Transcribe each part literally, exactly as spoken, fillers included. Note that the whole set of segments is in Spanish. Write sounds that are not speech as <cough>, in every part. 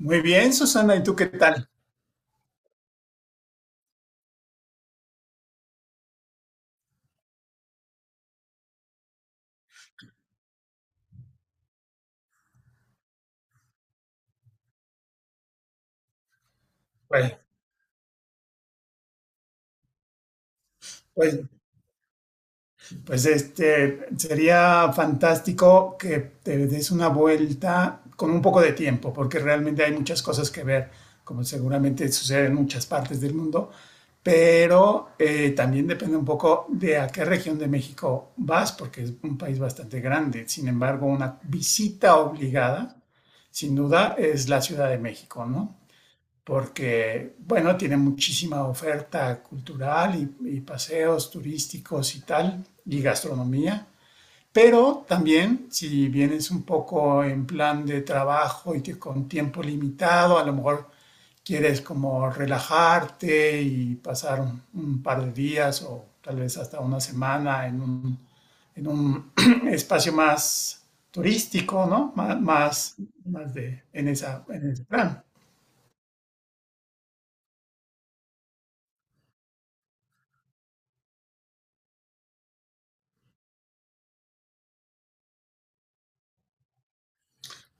Muy bien, Susana, ¿y tú qué tal? Pues, pues, pues este, sería fantástico que te des una vuelta con un poco de tiempo, porque realmente hay muchas cosas que ver, como seguramente sucede en muchas partes del mundo, pero eh, también depende un poco de a qué región de México vas, porque es un país bastante grande. Sin embargo, una visita obligada, sin duda, es la Ciudad de México, ¿no? Porque, bueno, tiene muchísima oferta cultural y, y paseos turísticos y tal, y gastronomía. Pero también, si vienes un poco en plan de trabajo y que con tiempo limitado, a lo mejor quieres como relajarte y pasar un, un par de días o tal vez hasta una semana en un, en un <clears throat> espacio más turístico, ¿no? Má- Más, más, de, en, esa, en ese plan.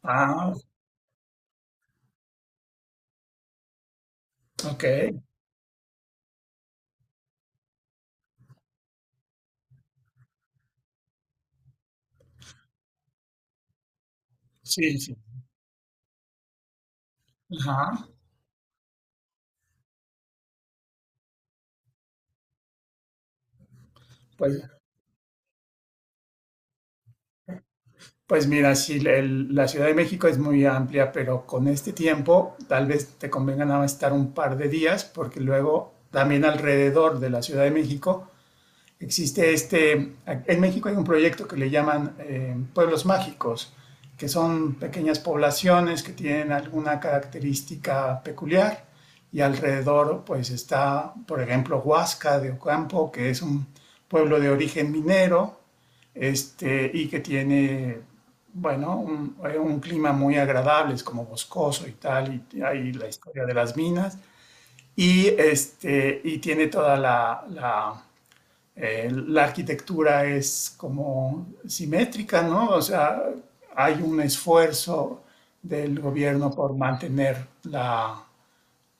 Ah, ok. Sí, sí. Ajá. Pues, pues mira, sí, la el- la Ciudad de México es muy amplia, pero con este tiempo tal vez te convenga nada más estar un par de días, porque luego también alrededor de la Ciudad de México existe este, en México hay un proyecto que le llaman eh, pueblos mágicos, que son pequeñas poblaciones que tienen alguna característica peculiar y alrededor pues está, por ejemplo, Huasca de Ocampo, que es un pueblo de origen minero este, y que tiene, bueno, un, eh, un clima muy agradable, es como boscoso y tal, y hay la historia de las minas, y, este, y tiene toda la, la eh, la arquitectura es como simétrica, ¿no? O sea, hay un esfuerzo del gobierno por mantener la,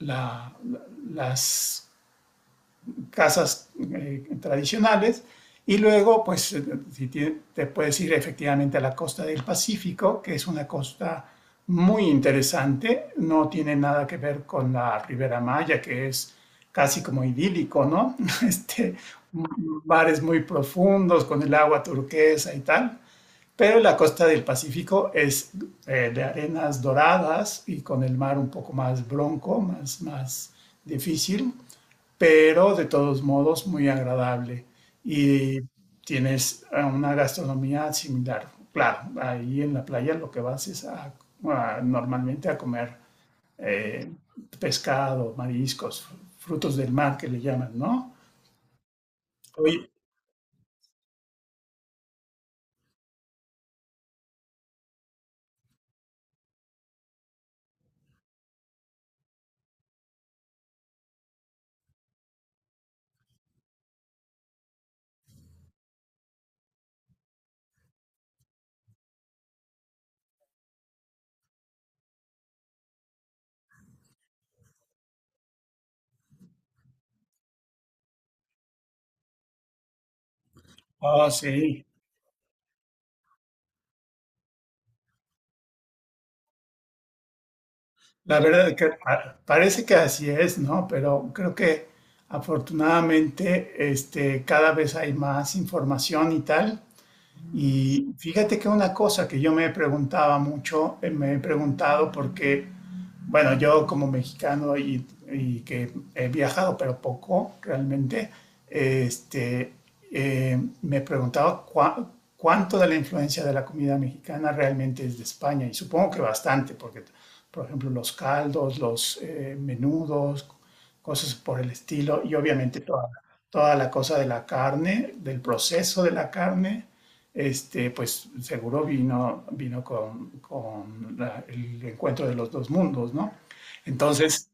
la- la- las casas eh, tradicionales. Y luego, pues, eh, si te, te, puedes ir efectivamente a la costa del Pacífico, que es una costa muy interesante, no tiene nada que ver con la Ribera Maya, que es casi como idílico, ¿no? <laughs> Este, bares muy profundos con el agua turquesa y tal, pero la costa del Pacífico es eh, de arenas doradas y con el mar un poco más bronco, más, más difícil pero de todos modos muy agradable. Y tienes eh, una gastronomía similar. Claro, ahí en la playa lo que vas es a, a- normalmente a comer eh, pescado, mariscos, frutos del mar que le llaman, ¿no? Oye, oh, sí, la verdad que pa- parece que así es, ¿no? Pero creo que afortunadamente este, cada vez hay más información y tal. Y fíjate que una cosa que yo me preguntaba mucho, eh, me he preguntado porque, bueno, yo como mexicano y, y que he viajado, pero poco realmente, este, eh, me preguntaba cua- cuánto de la influencia de la comida mexicana realmente es de España. Y supongo que bastante, porque, por ejemplo, los caldos, los eh, menudos, cosas por el estilo, y obviamente toda, toda la cosa de la carne, del proceso de la carne este, pues seguro vino, vino con, con la- el encuentro de los dos mundos, ¿no? Entonces,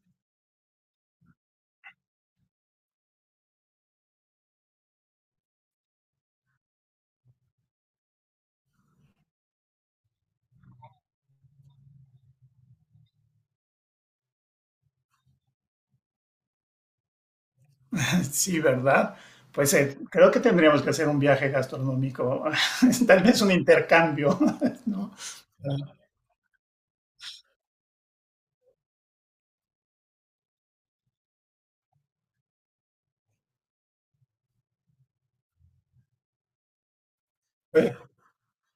<laughs> sí, ¿verdad? Pues eh, creo que tendríamos que hacer un viaje gastronómico, <laughs> tal vez un intercambio, <laughs> ¿no? Pues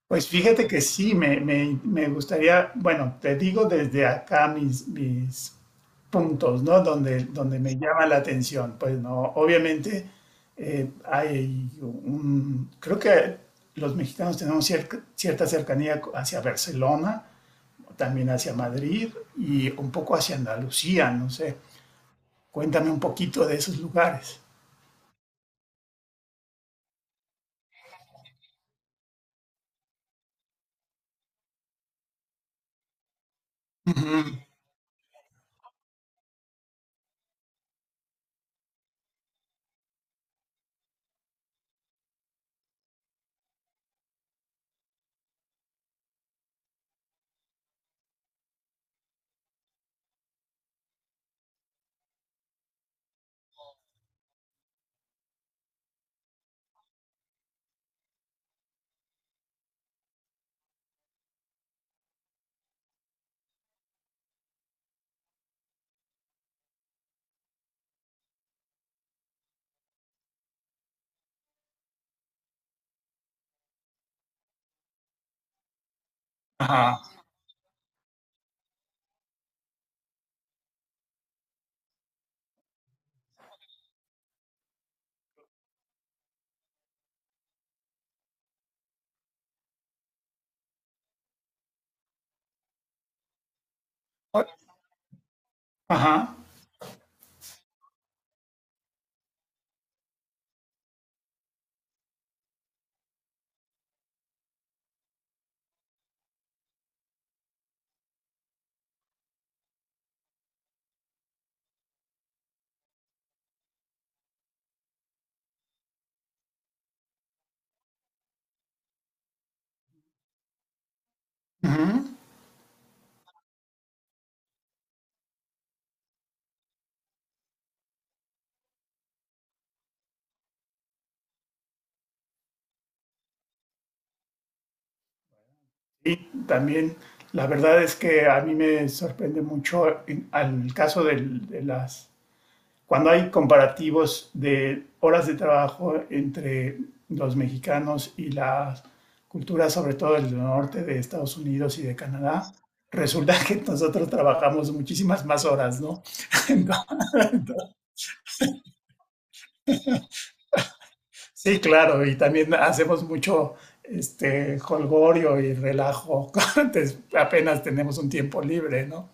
pues fíjate que sí, me, me- me gustaría, bueno, te digo desde acá mis, mis puntos, ¿no? Donde, donde me llama la atención. Pues no, obviamente eh, hay un, creo que los mexicanos tenemos cier- cierta cercanía hacia Barcelona, también hacia Madrid y un poco hacia Andalucía, no sé. Cuéntame un poquito de esos lugares. Ajá. O- Ajá. Ujú. Y también la verdad es que a mí me sorprende mucho en- al caso del- de las cuando hay comparativos de horas de trabajo entre los mexicanos y las culturas, sobre todo del norte de Estados Unidos y de Canadá, resulta que nosotros trabajamos muchísimas más horas, ¿no? <laughs> Ento- sí, claro, y también hacemos mucho este jolgorio y relajo. <laughs> Antes apenas tenemos un tiempo libre, ¿no?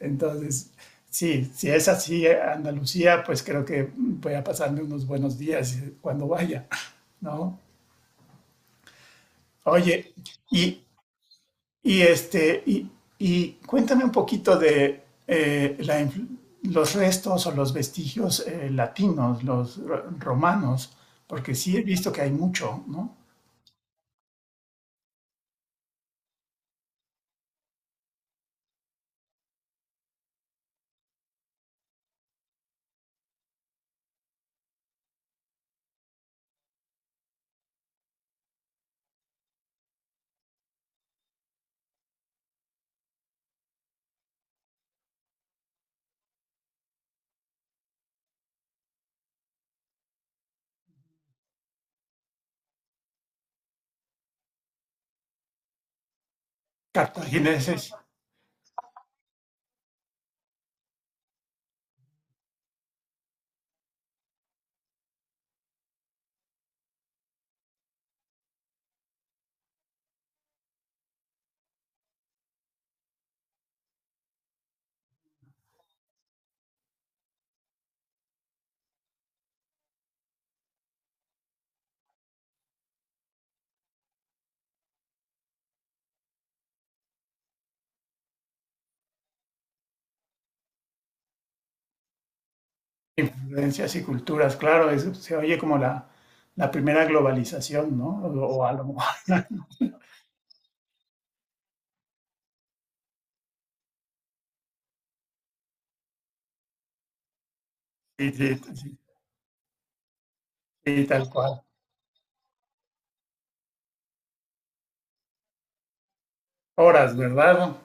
Entonces, sí, si es así eh, Andalucía, pues creo que voy a pasarme unos buenos días eh, cuando vaya, <laughs> ¿no? Oye, y, y este, y, y cuéntame un poquito de eh, la influ- los restos o los vestigios eh, latinos, los ro- romanos, porque sí he visto que hay mucho, ¿no? Cartagineses, influencias y culturas, claro, eso se oye como la, la primera globalización, ¿no? O, o a lo mejor, <laughs> sí, sí, sí, sí, tal cual. Horas, ¿verdad?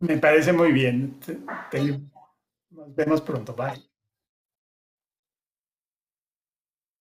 Me parece muy bien. Te- te- nos vemos pronto, bye.